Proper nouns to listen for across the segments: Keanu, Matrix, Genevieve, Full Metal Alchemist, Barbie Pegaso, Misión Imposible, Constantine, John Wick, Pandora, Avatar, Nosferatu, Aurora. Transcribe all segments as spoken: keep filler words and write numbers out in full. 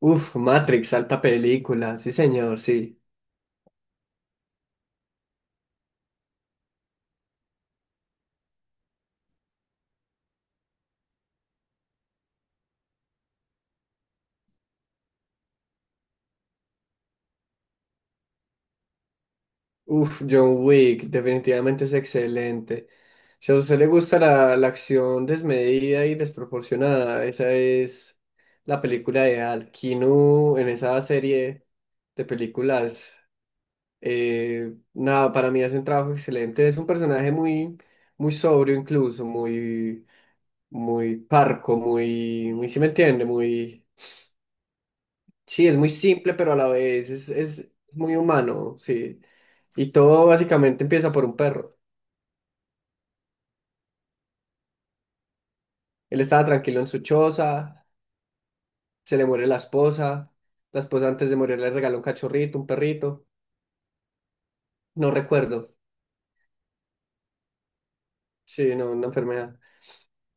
Uf, Matrix, alta película, sí señor, sí. Uf, John Wick, definitivamente es excelente. Si a usted le gusta la, la acción desmedida y desproporcionada, esa es la película ideal. Keanu en esa serie de películas, eh, nada, para mí hace un trabajo excelente. Es un personaje muy, muy sobrio incluso, muy, muy parco, muy, muy, si me entiende, muy Sí, es muy simple, pero a la vez es, es, es muy humano, sí. Y todo básicamente empieza por un perro. Él estaba tranquilo en su choza, se le muere la esposa, la esposa antes de morir le regaló un cachorrito, un perrito, no recuerdo, sí, no, una enfermedad.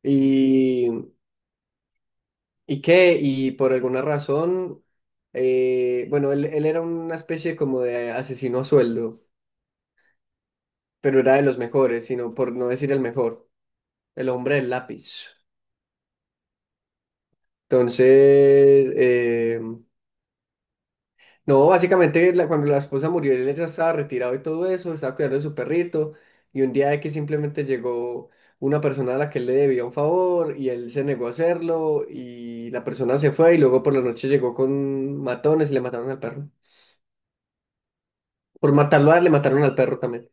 Y, ¿Y qué? Y por alguna razón, eh, bueno, él, él era una especie como de asesino a sueldo, pero era de los mejores, sino por no decir el mejor, el hombre del lápiz. Entonces, eh, no, básicamente la- cuando la esposa murió, él ya estaba retirado y todo eso, estaba cuidando de su perrito, y un día que simplemente llegó una persona a la que él le debía un favor, y él se negó a hacerlo, y la persona se fue, y luego por la noche llegó con matones y le mataron al perro. Por matarlo a él, le mataron al perro también.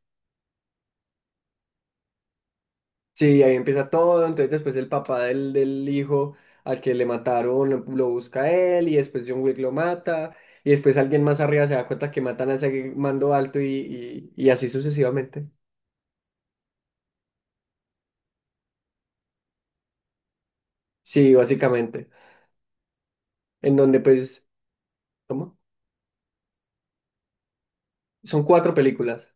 Sí, ahí empieza todo, entonces después el papá del, del hijo al que le mataron lo, lo busca a él, y después John Wick lo mata, y después alguien más arriba se da cuenta que matan a ese mando alto y, y y así sucesivamente. Sí, básicamente. En donde pues, ¿cómo? Son cuatro películas.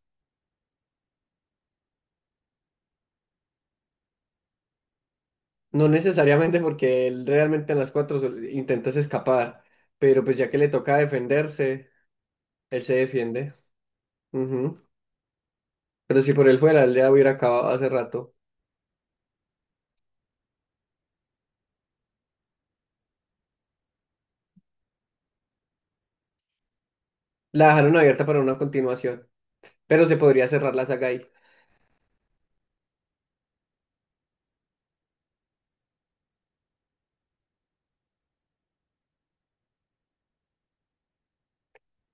No necesariamente porque él realmente en las cuatro sol- intentas escapar, pero pues ya que le toca defenderse, él se defiende. Ujú. Pero si por él fuera, él ya hubiera acabado hace rato. La dejaron abierta para una continuación, pero se podría cerrar la saga ahí.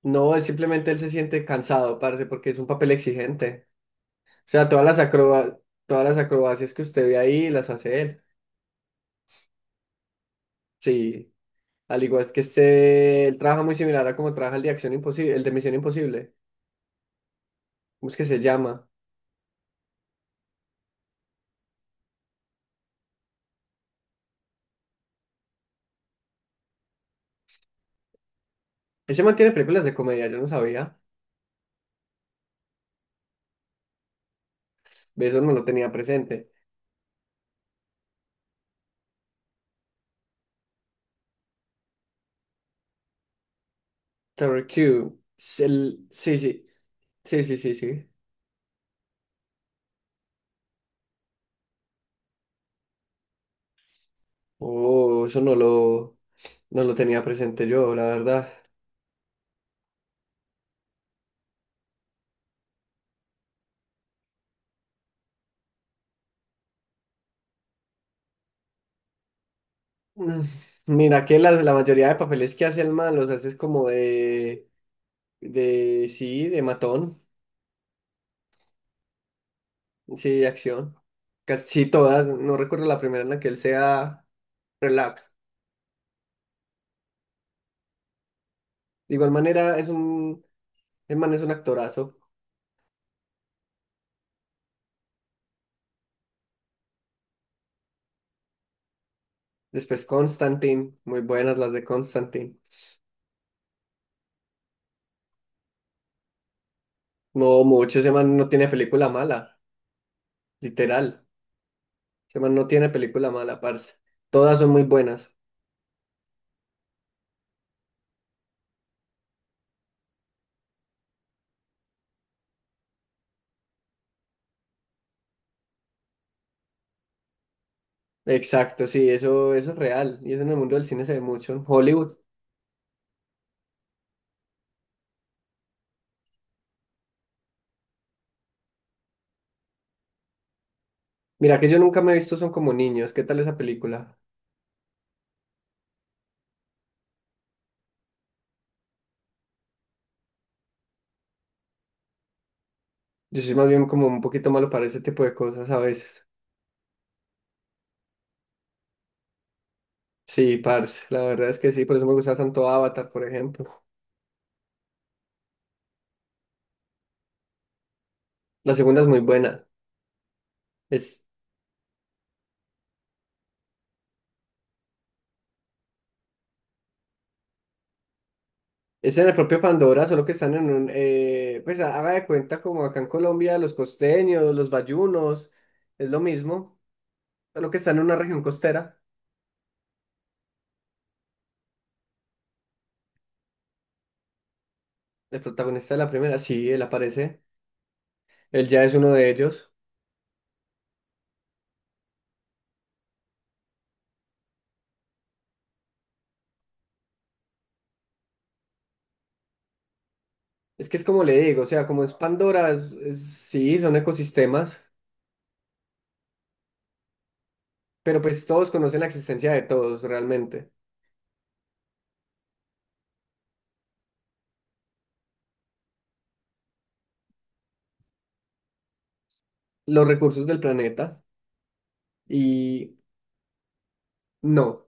No, es simplemente él se siente cansado, parce, porque es un papel exigente. O sea, todas las acroba- todas las acrobacias que usted ve ahí las hace él. Sí. Al igual es que este, él trabaja muy similar a como trabaja el de Acción Imposible, el de Misión Imposible. ¿Cómo es que se llama? Ese man tiene películas de comedia, yo no sabía. De Eso no lo tenía presente. Terror Q. es el- sí, sí. Sí, sí, sí, sí. Oh, eso no lo, no lo tenía presente yo, la verdad. Mm, Mira que la, la mayoría de papeles que hace el man los haces como de, de, sí, de matón, sí, de acción. Casi todas, no recuerdo la primera en la que él sea relax. De igual manera, es un, el man es un actorazo. Después Constantine, muy buenas las de Constantine. No mucho, ese man no tiene película mala, literal. Ese man no tiene película mala, parce. Todas son muy buenas. Exacto, sí, eso, eso es real. Y eso en el mundo del cine se ve mucho, en Hollywood. Mira que yo nunca me he visto Son como niños. ¿Qué tal esa película? Yo soy más bien como un poquito malo para ese tipo de cosas a veces. Sí, parce, la verdad es que sí, por eso me gusta tanto Avatar, por ejemplo. La segunda es muy buena. Es Es en el propio Pandora, solo que están en un, eh, pues haga de cuenta como acá en Colombia, los costeños, los bayunos, es lo mismo, solo que están en una región costera. El protagonista de la primera, sí, él aparece, él ya es uno de ellos. Es que es como le digo, o sea, como es Pandora, es- es- sí, son ecosistemas, pero pues todos conocen la existencia de todos realmente, los recursos del planeta, y no.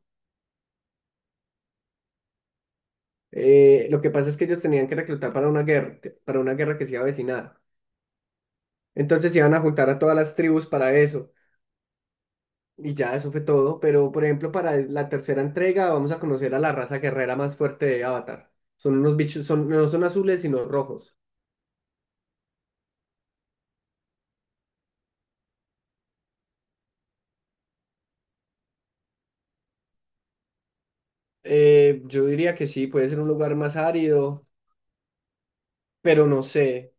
eh, Lo que pasa es que ellos tenían que reclutar para una guerra, para una guerra que se iba a avecinar. Entonces iban a juntar a todas las tribus para eso. Y ya eso fue todo. Pero, por ejemplo, para la tercera entrega vamos a conocer a la raza guerrera más fuerte de Avatar. Son unos bichos, son, no son azules, sino rojos. Eh, yo diría que sí, puede ser un lugar más árido, pero no sé,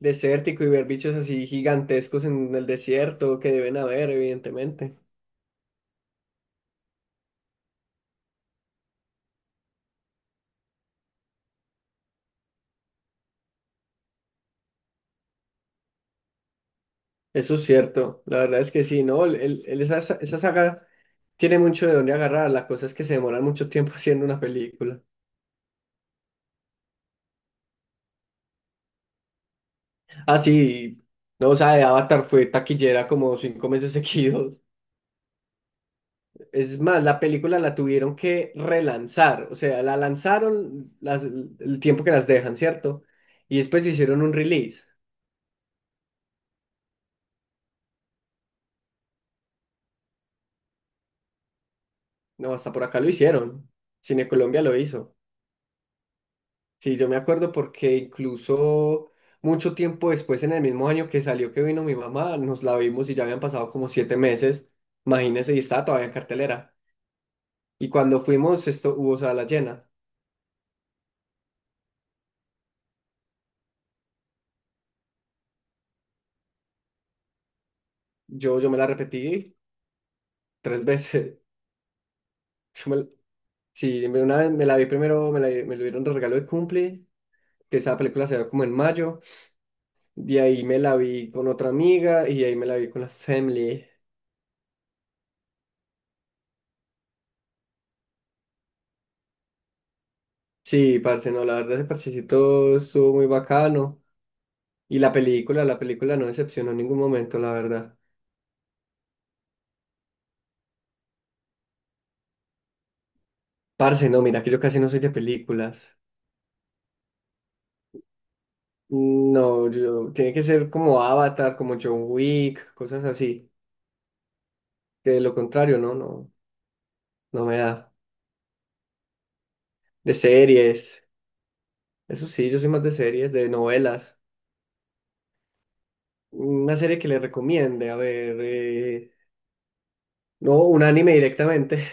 desértico y ver bichos así gigantescos en el desierto que deben haber, evidentemente. Eso es cierto, la verdad es que sí, ¿no? El- el- el- esa, esa saga tiene mucho de dónde agarrar, la cosa es que se demoran mucho tiempo haciendo una película. Ah, sí. No, o sea, de Avatar fue taquillera como cinco meses seguidos. Es más, la película la tuvieron que relanzar. O sea, la lanzaron las, el tiempo que las dejan, ¿cierto? Y después hicieron un release. No, hasta por acá lo hicieron. Cine Colombia lo hizo. Sí, yo me acuerdo porque incluso mucho tiempo después, en el mismo año que salió que vino mi mamá, nos la vimos y ya habían pasado como siete meses. Imagínense, y estaba todavía en cartelera. Y cuando fuimos, esto hubo sala llena. Yo, yo me la repetí tres veces. Yo me- sí, me- una vez me la vi primero, me la, me lo dieron de regalo de cumple, que esa película se ve como en mayo. De ahí me la vi con otra amiga y de ahí me la vi con la family. Sí, parce, no, la verdad ese parchecito estuvo muy bacano. Y la película, la película no decepcionó en ningún momento, la verdad. Parce, no, mira que yo casi no soy de películas. No, yo, tiene que ser como Avatar, como John Wick, cosas así. Que de lo contrario, no, no, no me da. De series. Eso sí, yo soy más de series, de novelas. Una serie que le recomiende, a ver, eh, no, un anime directamente.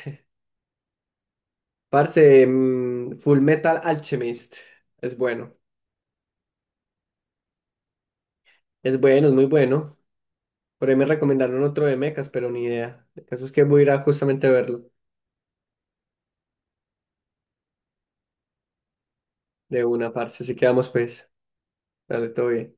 Parce, mm, Full Metal Alchemist. Es bueno, es bueno, es muy bueno. Por ahí me recomendaron otro de mechas, pero ni idea. El caso es que voy a ir a justamente a verlo de una, parce. Así que vamos pues. Dale, todo bien.